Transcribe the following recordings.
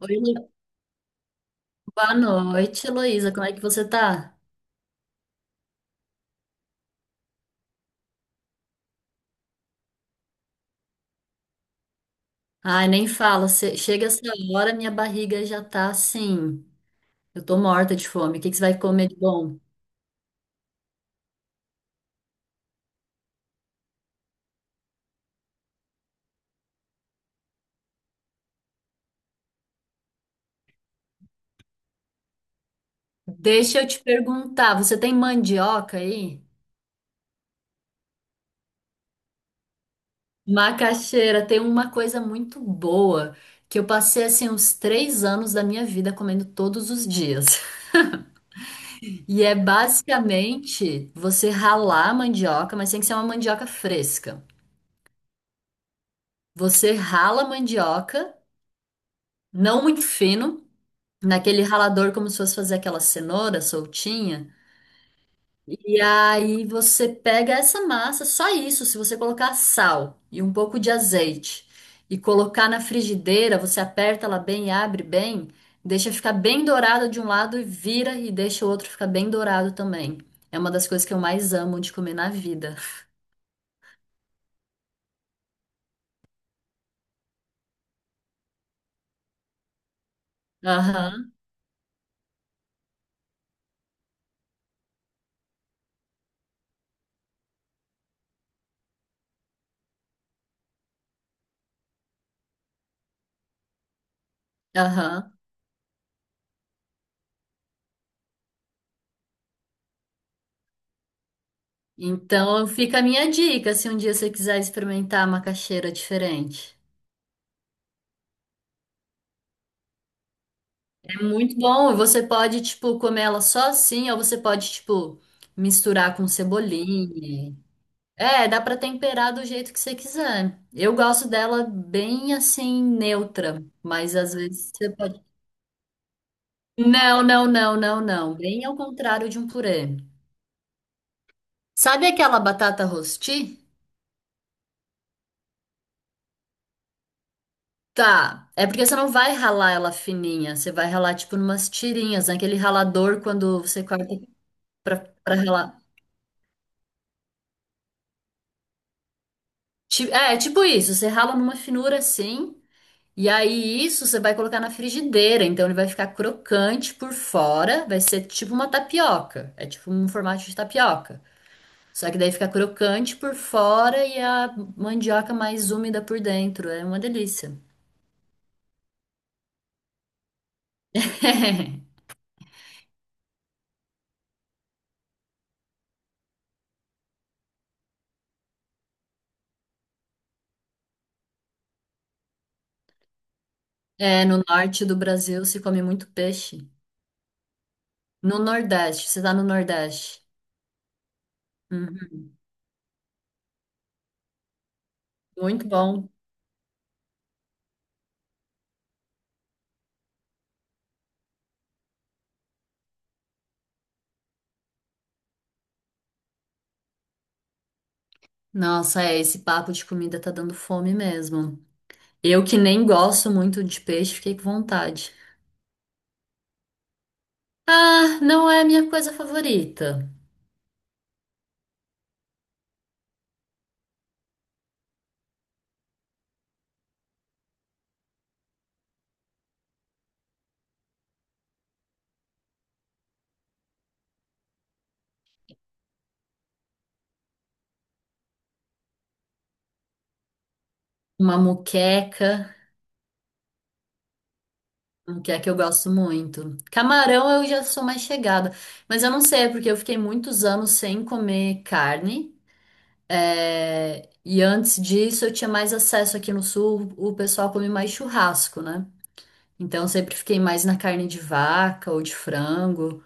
Oi, boa noite, Heloísa. Como é que você tá? Ai, nem fala. Chega essa hora, minha barriga já tá assim. Eu tô morta de fome. O que que você vai comer de bom? Deixa eu te perguntar, você tem mandioca aí? Macaxeira, tem uma coisa muito boa que eu passei assim uns 3 anos da minha vida comendo todos os dias. E é basicamente você ralar a mandioca, mas tem que ser uma mandioca fresca. Você rala a mandioca, não muito fino, naquele ralador como se fosse fazer aquela cenoura soltinha. E aí você pega essa massa, só isso, se você colocar sal e um pouco de azeite e colocar na frigideira, você aperta ela bem e abre bem, deixa ficar bem dourado de um lado e vira e deixa o outro ficar bem dourado também. É uma das coisas que eu mais amo de comer na vida. Aham, aham. Então fica a minha dica, se um dia você quiser experimentar a macaxeira diferente. É muito bom. E você pode, tipo, comer ela só assim, ou você pode, tipo, misturar com cebolinha. É, dá pra temperar do jeito que você quiser. Eu gosto dela bem assim, neutra, mas às vezes você pode. Não, não, não, não, não. Bem ao contrário de um purê. Sabe aquela batata rosti? Tá. É porque você não vai ralar ela fininha. Você vai ralar, tipo, numas tirinhas, naquele ralador quando você corta pra, pra ralar. É, tipo isso. Você rala numa finura assim. E aí, isso você vai colocar na frigideira, então ele vai ficar crocante por fora, vai ser tipo uma tapioca, é tipo um formato de tapioca. Só que daí fica crocante por fora e a mandioca mais úmida por dentro, é uma delícia. É, no norte do Brasil se come muito peixe. No Nordeste, você tá no Nordeste. Uhum. Muito bom. Nossa, é, esse papo de comida tá dando fome mesmo. Eu que nem gosto muito de peixe, fiquei com vontade. Ah, não é a minha coisa favorita. Uma moqueca, moqueca eu gosto muito. Camarão eu já sou mais chegada, mas eu não sei, é porque eu fiquei muitos anos sem comer carne. E antes disso eu tinha mais acesso aqui no sul, o pessoal come mais churrasco, né? Então eu sempre fiquei mais na carne de vaca ou de frango.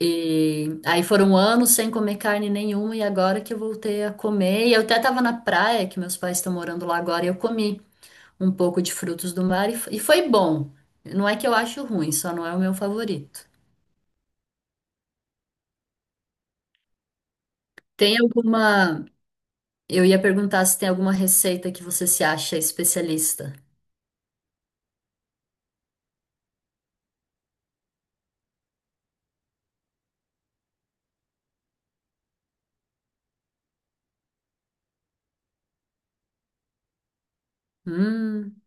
E aí foram anos sem comer carne nenhuma e agora que eu voltei a comer, e eu até tava na praia, que meus pais estão morando lá agora, e eu comi um pouco de frutos do mar e foi bom. Não é que eu acho ruim, só não é o meu favorito. Tem alguma. Eu ia perguntar se tem alguma receita que você se acha especialista. Hum,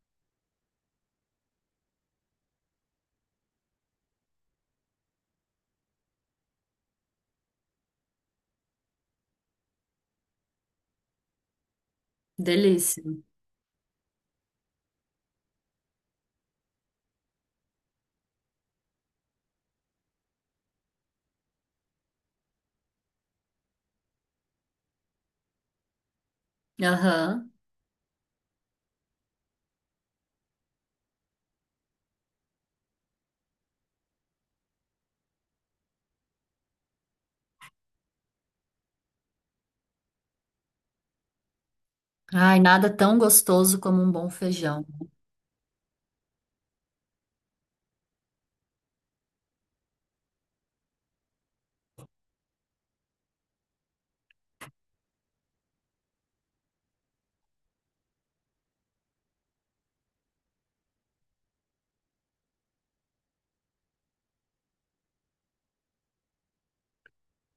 delícia. Aham. Ai, nada tão gostoso como um bom feijão.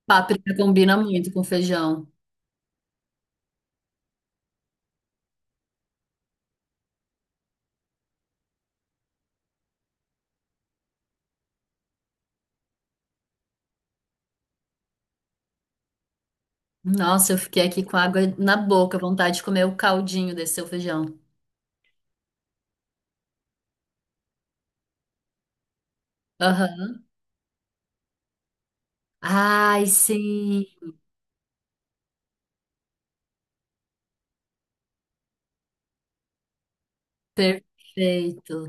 Páprica combina muito com feijão. Nossa, eu fiquei aqui com água na boca, vontade de comer o caldinho desse seu feijão. Aham. Ai, sim. Perfeito.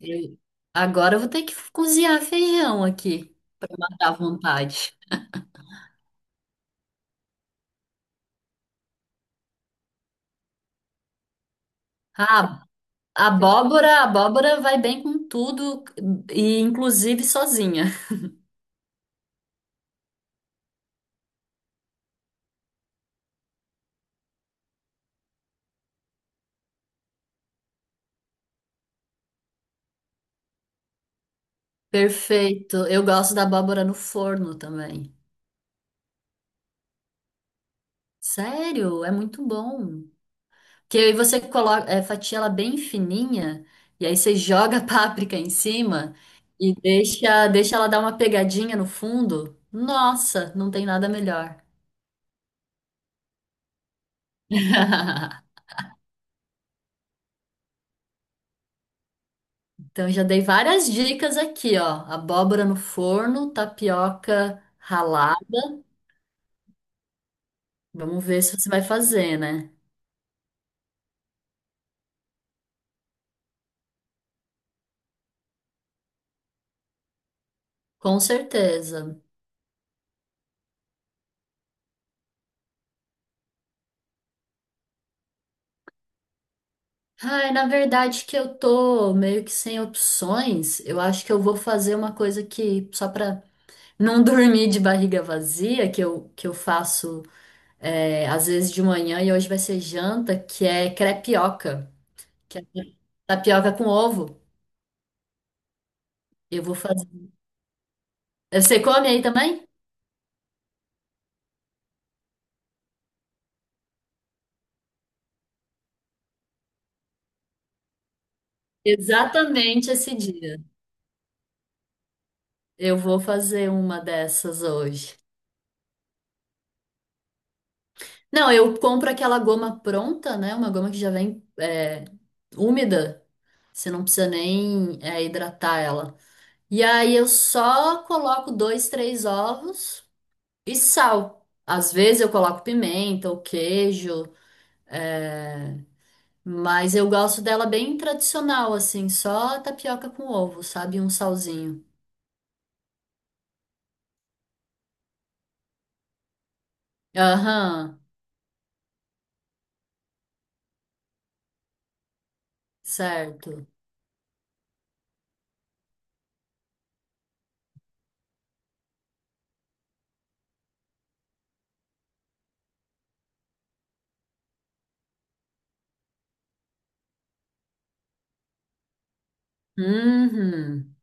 Eu- Agora eu vou ter que cozinhar feijão aqui, matar à vontade. A a abóbora vai bem com tudo, e inclusive sozinha. Perfeito. Eu gosto da abóbora no forno também. Sério, é muito bom. Que aí você coloca, é, fatia ela bem fininha, e aí você joga a páprica em cima e deixa ela dar uma pegadinha no fundo. Nossa, não tem nada melhor. Então, eu já dei várias dicas aqui, ó. Abóbora no forno, tapioca ralada. Vamos ver se você vai fazer, né? Com certeza. Ai, na verdade que eu tô meio que sem opções. Eu acho que eu vou fazer uma coisa que, só pra não dormir de barriga vazia, que eu faço, é, às vezes de manhã e hoje vai ser janta, que é crepioca, que é tapioca com ovo. Eu vou fazer. Você come aí também? Exatamente esse dia. Eu vou fazer uma dessas hoje. Não, eu compro aquela goma pronta, né? Uma goma que já vem, é, úmida. Você não precisa nem, é, hidratar ela. E aí eu só coloco dois, três ovos e sal. Às vezes eu coloco pimenta ou queijo, é, mas eu gosto dela bem tradicional, assim, só tapioca com ovo, sabe? Um salzinho. Aham, certo. Uhum. É,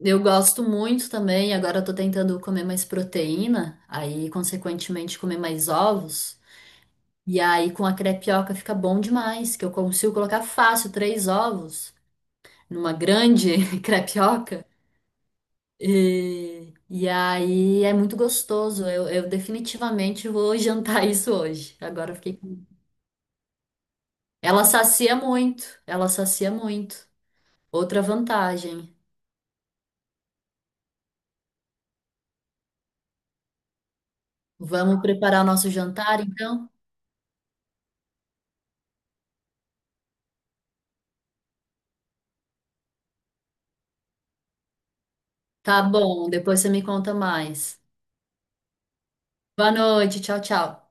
eu gosto muito também, agora eu tô tentando comer mais proteína, aí consequentemente comer mais ovos. E aí com a crepioca fica bom demais, que eu consigo colocar fácil três ovos numa grande crepioca. E aí é muito gostoso. Eu definitivamente vou jantar isso hoje. Agora eu fiquei. Ela sacia muito, ela sacia muito. Outra vantagem. Vamos preparar o nosso jantar, então? Tá bom, depois você me conta mais. Boa noite, tchau, tchau.